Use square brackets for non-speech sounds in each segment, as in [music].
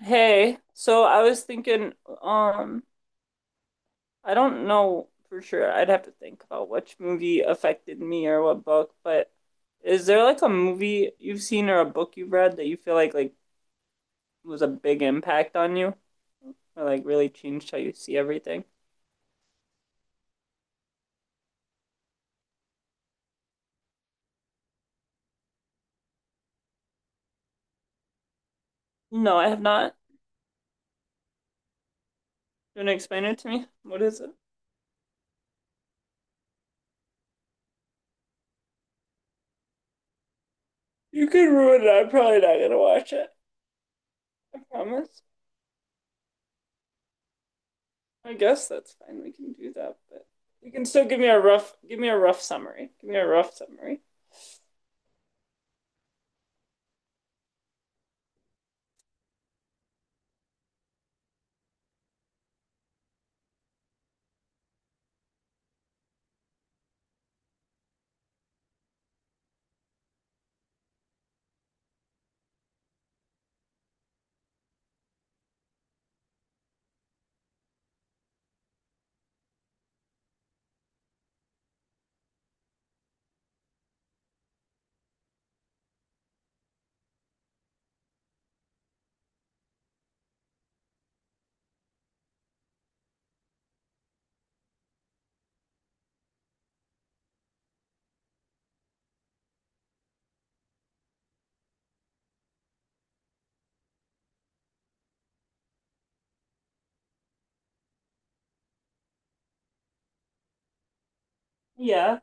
Hey, so I was thinking, um, I don't know for sure. I'd have to think about which movie affected me or what book, but is there like a movie you've seen or a book you've read that you feel like was a big impact on you or like really changed how you see everything? No, I have not. You want to explain it to me? What is it? You could ruin it. I'm probably not gonna watch it. I promise. I guess that's fine. We can do that, but you can still give me a rough, give me a rough summary. Give me a rough summary. Yeah.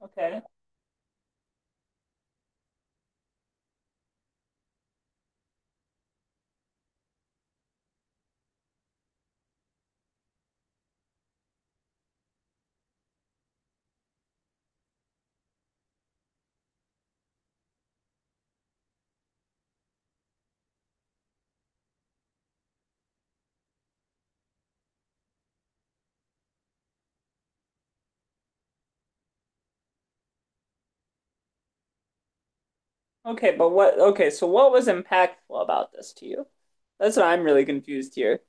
Okay. Okay, okay, so what was impactful about this to you? That's what I'm really confused here.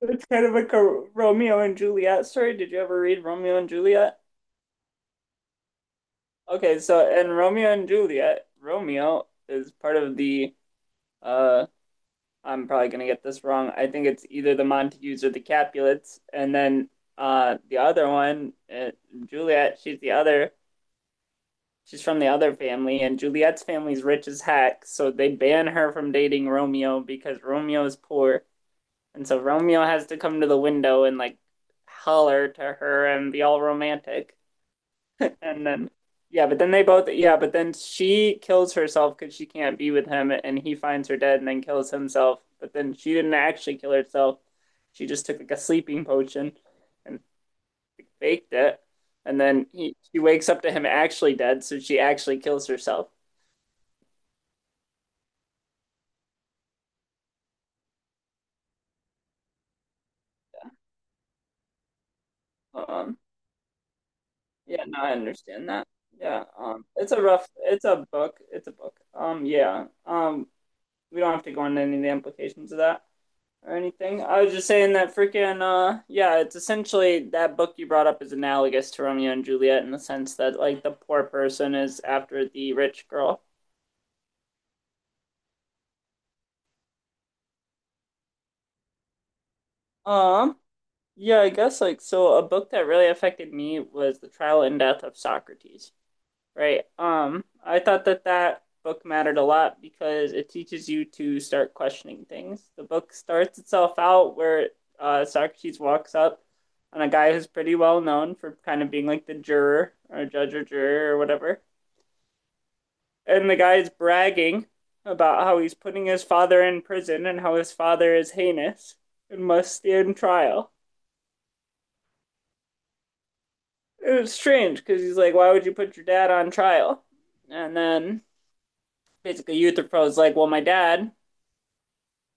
It's kind of like a Romeo and Juliet story. Did you ever read Romeo and Juliet? Okay, so in Romeo and Juliet, Romeo is part of the uh I'm probably gonna get this wrong. I think it's either the Montagues or the Capulets, and then the other one, Juliet, she's the other. She's from the other family, and Juliet's family's rich as heck, so they ban her from dating Romeo because Romeo is poor. And so Romeo has to come to the window and like holler to her and be all romantic. And then, yeah, but then she kills herself because she can't be with him, and he finds her dead and then kills himself. But then she didn't actually kill herself. She just took like a sleeping potion and faked it. And then she wakes up to him actually dead, so she actually kills herself. Um, yeah, no, I understand that. Yeah, it's a book. We don't have to go into any of the implications of that or anything. I was just saying that freaking, yeah, it's essentially that book you brought up is analogous to Romeo and Juliet in the sense that like the poor person is after the rich girl. Um, yeah, I guess like so. A book that really affected me was The Trial and Death of Socrates. Right. I thought that that book mattered a lot because it teaches you to start questioning things. The book starts itself out where Socrates walks up on a guy who's pretty well known for kind of being like the juror or whatever. And the guy's bragging about how he's putting his father in prison and how his father is heinous and must stand trial. It was strange because he's like, why would you put your dad on trial? And then basically Euthyphro's like, well, my dad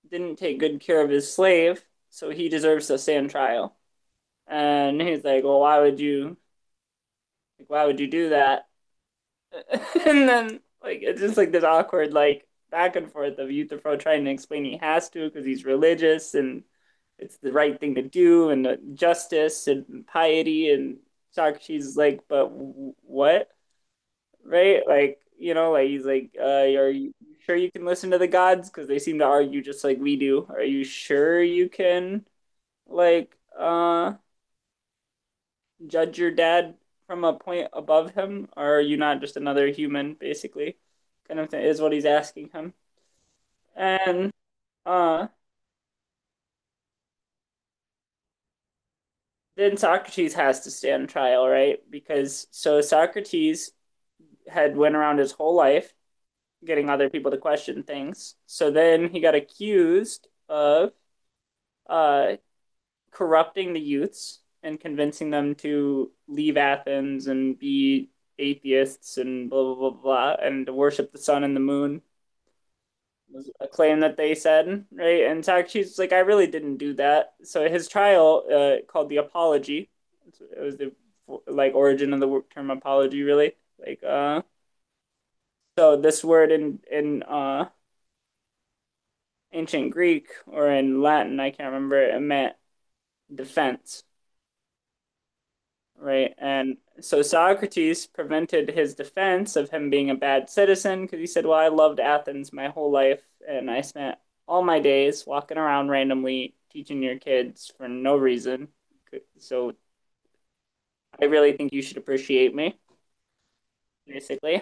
didn't take good care of his slave, so he deserves to stand trial. And he's like, like, why would you do that? [laughs] And then, like, it's just like this awkward, like, back and forth of Euthyphro trying to explain he has to because he's religious and it's the right thing to do and justice and piety and Socrates is like, but what? Right? Like, you know, like he's like, are you sure you can listen to the gods? Because they seem to argue just like we do. Are you sure you can like uh judge your dad from a point above him, or are you not just another human, basically? Kind of thing is what he's asking him. And uh then Socrates has to stand trial, right? Because so Socrates had went around his whole life getting other people to question things. So then he got accused of uh corrupting the youths and convincing them to leave Athens and be atheists and blah blah blah blah and to worship the sun and the moon was a claim that they said, right? And Socrates was like, I really didn't do that. So his trial, called the apology, it was the like origin of the term apology, really. Like, so this word in ancient Greek or in Latin, I can't remember, it meant defense. Right. And so Socrates prevented his defense of him being a bad citizen because he said, well, I loved Athens my whole life, and I spent all my days walking around randomly teaching your kids for no reason. So I really think you should appreciate me, basically.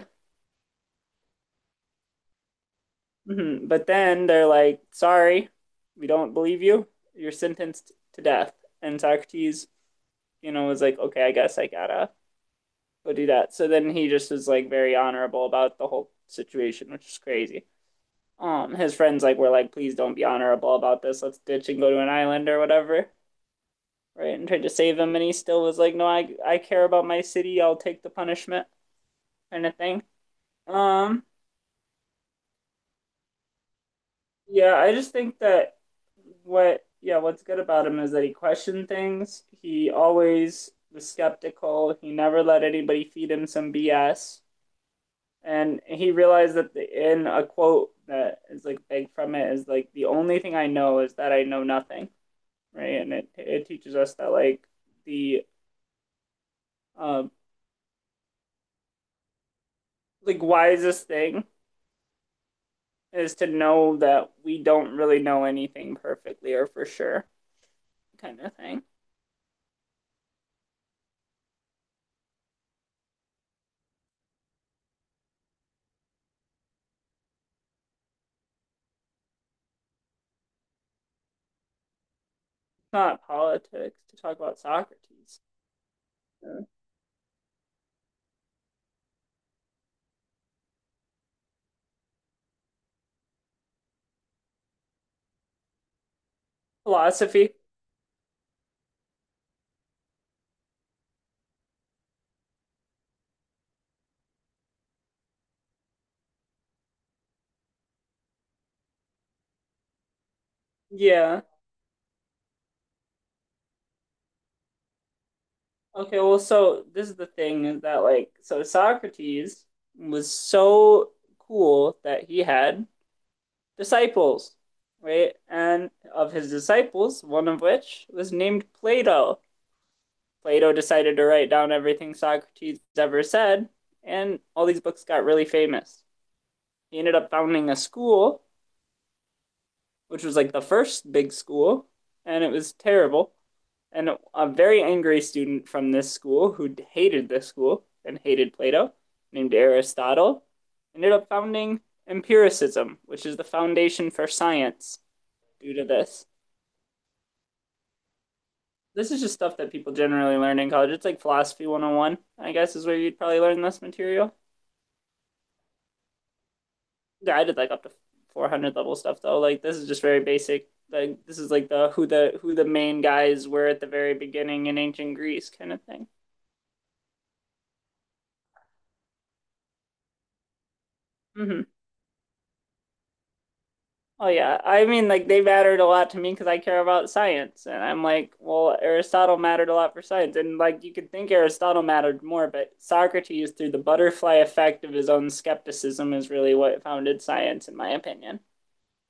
Mhm. But then they're like, sorry, we don't believe you. You're sentenced to death. And Socrates, you know, was like, okay, I guess I gotta go do that. So then he just is like very honorable about the whole situation, which is crazy. His friends like were like, please don't be honorable about this. Let's ditch and go to an island or whatever, right? And tried to save him, and he still was like, no, I care about my city. I'll take the punishment, kind of thing. Um, yeah, I just think that what's good about him is that he questioned things. He always was skeptical. He never let anybody feed him some BS. And he realized that in a quote that is like begged from it is like the only thing I know is that I know nothing, right? And it teaches us that like the uh, like wisest thing is to know that we don't really know anything perfectly or for sure, kind of thing. It's not politics to talk about Socrates. Uh, philosophy, yeah. Okay, well, so this is the thing is that like so Socrates was so cool that he had disciples, right? And of his disciples, one of which was named Plato. Plato decided to write down everything Socrates ever said, and all these books got really famous. He ended up founding a school, which was like the first big school, and it was terrible. And a very angry student from this school who hated this school and hated Plato, named Aristotle, ended up founding empiricism, which is the foundation for science due to this. This is just stuff that people generally learn in college. It's like philosophy 101, I guess, is where you'd probably learn this material. Yeah, I did like up to 400 level stuff though. Like this is just very basic. Like this is like the main guys were at the very beginning in ancient Greece kind of thing. Mm-hmm. Oh yeah, I mean like they mattered a lot to me because I care about science, and I'm like, well, Aristotle mattered a lot for science, and like you could think Aristotle mattered more, but Socrates, through the butterfly effect of his own skepticism, is really what founded science, in my opinion.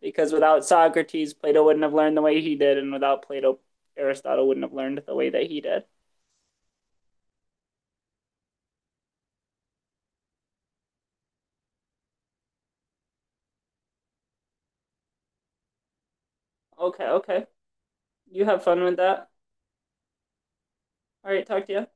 Because without Socrates, Plato wouldn't have learned the way he did, and without Plato, Aristotle wouldn't have learned the way that he did. Okay, okay. You have fun with that. All right, talk to you.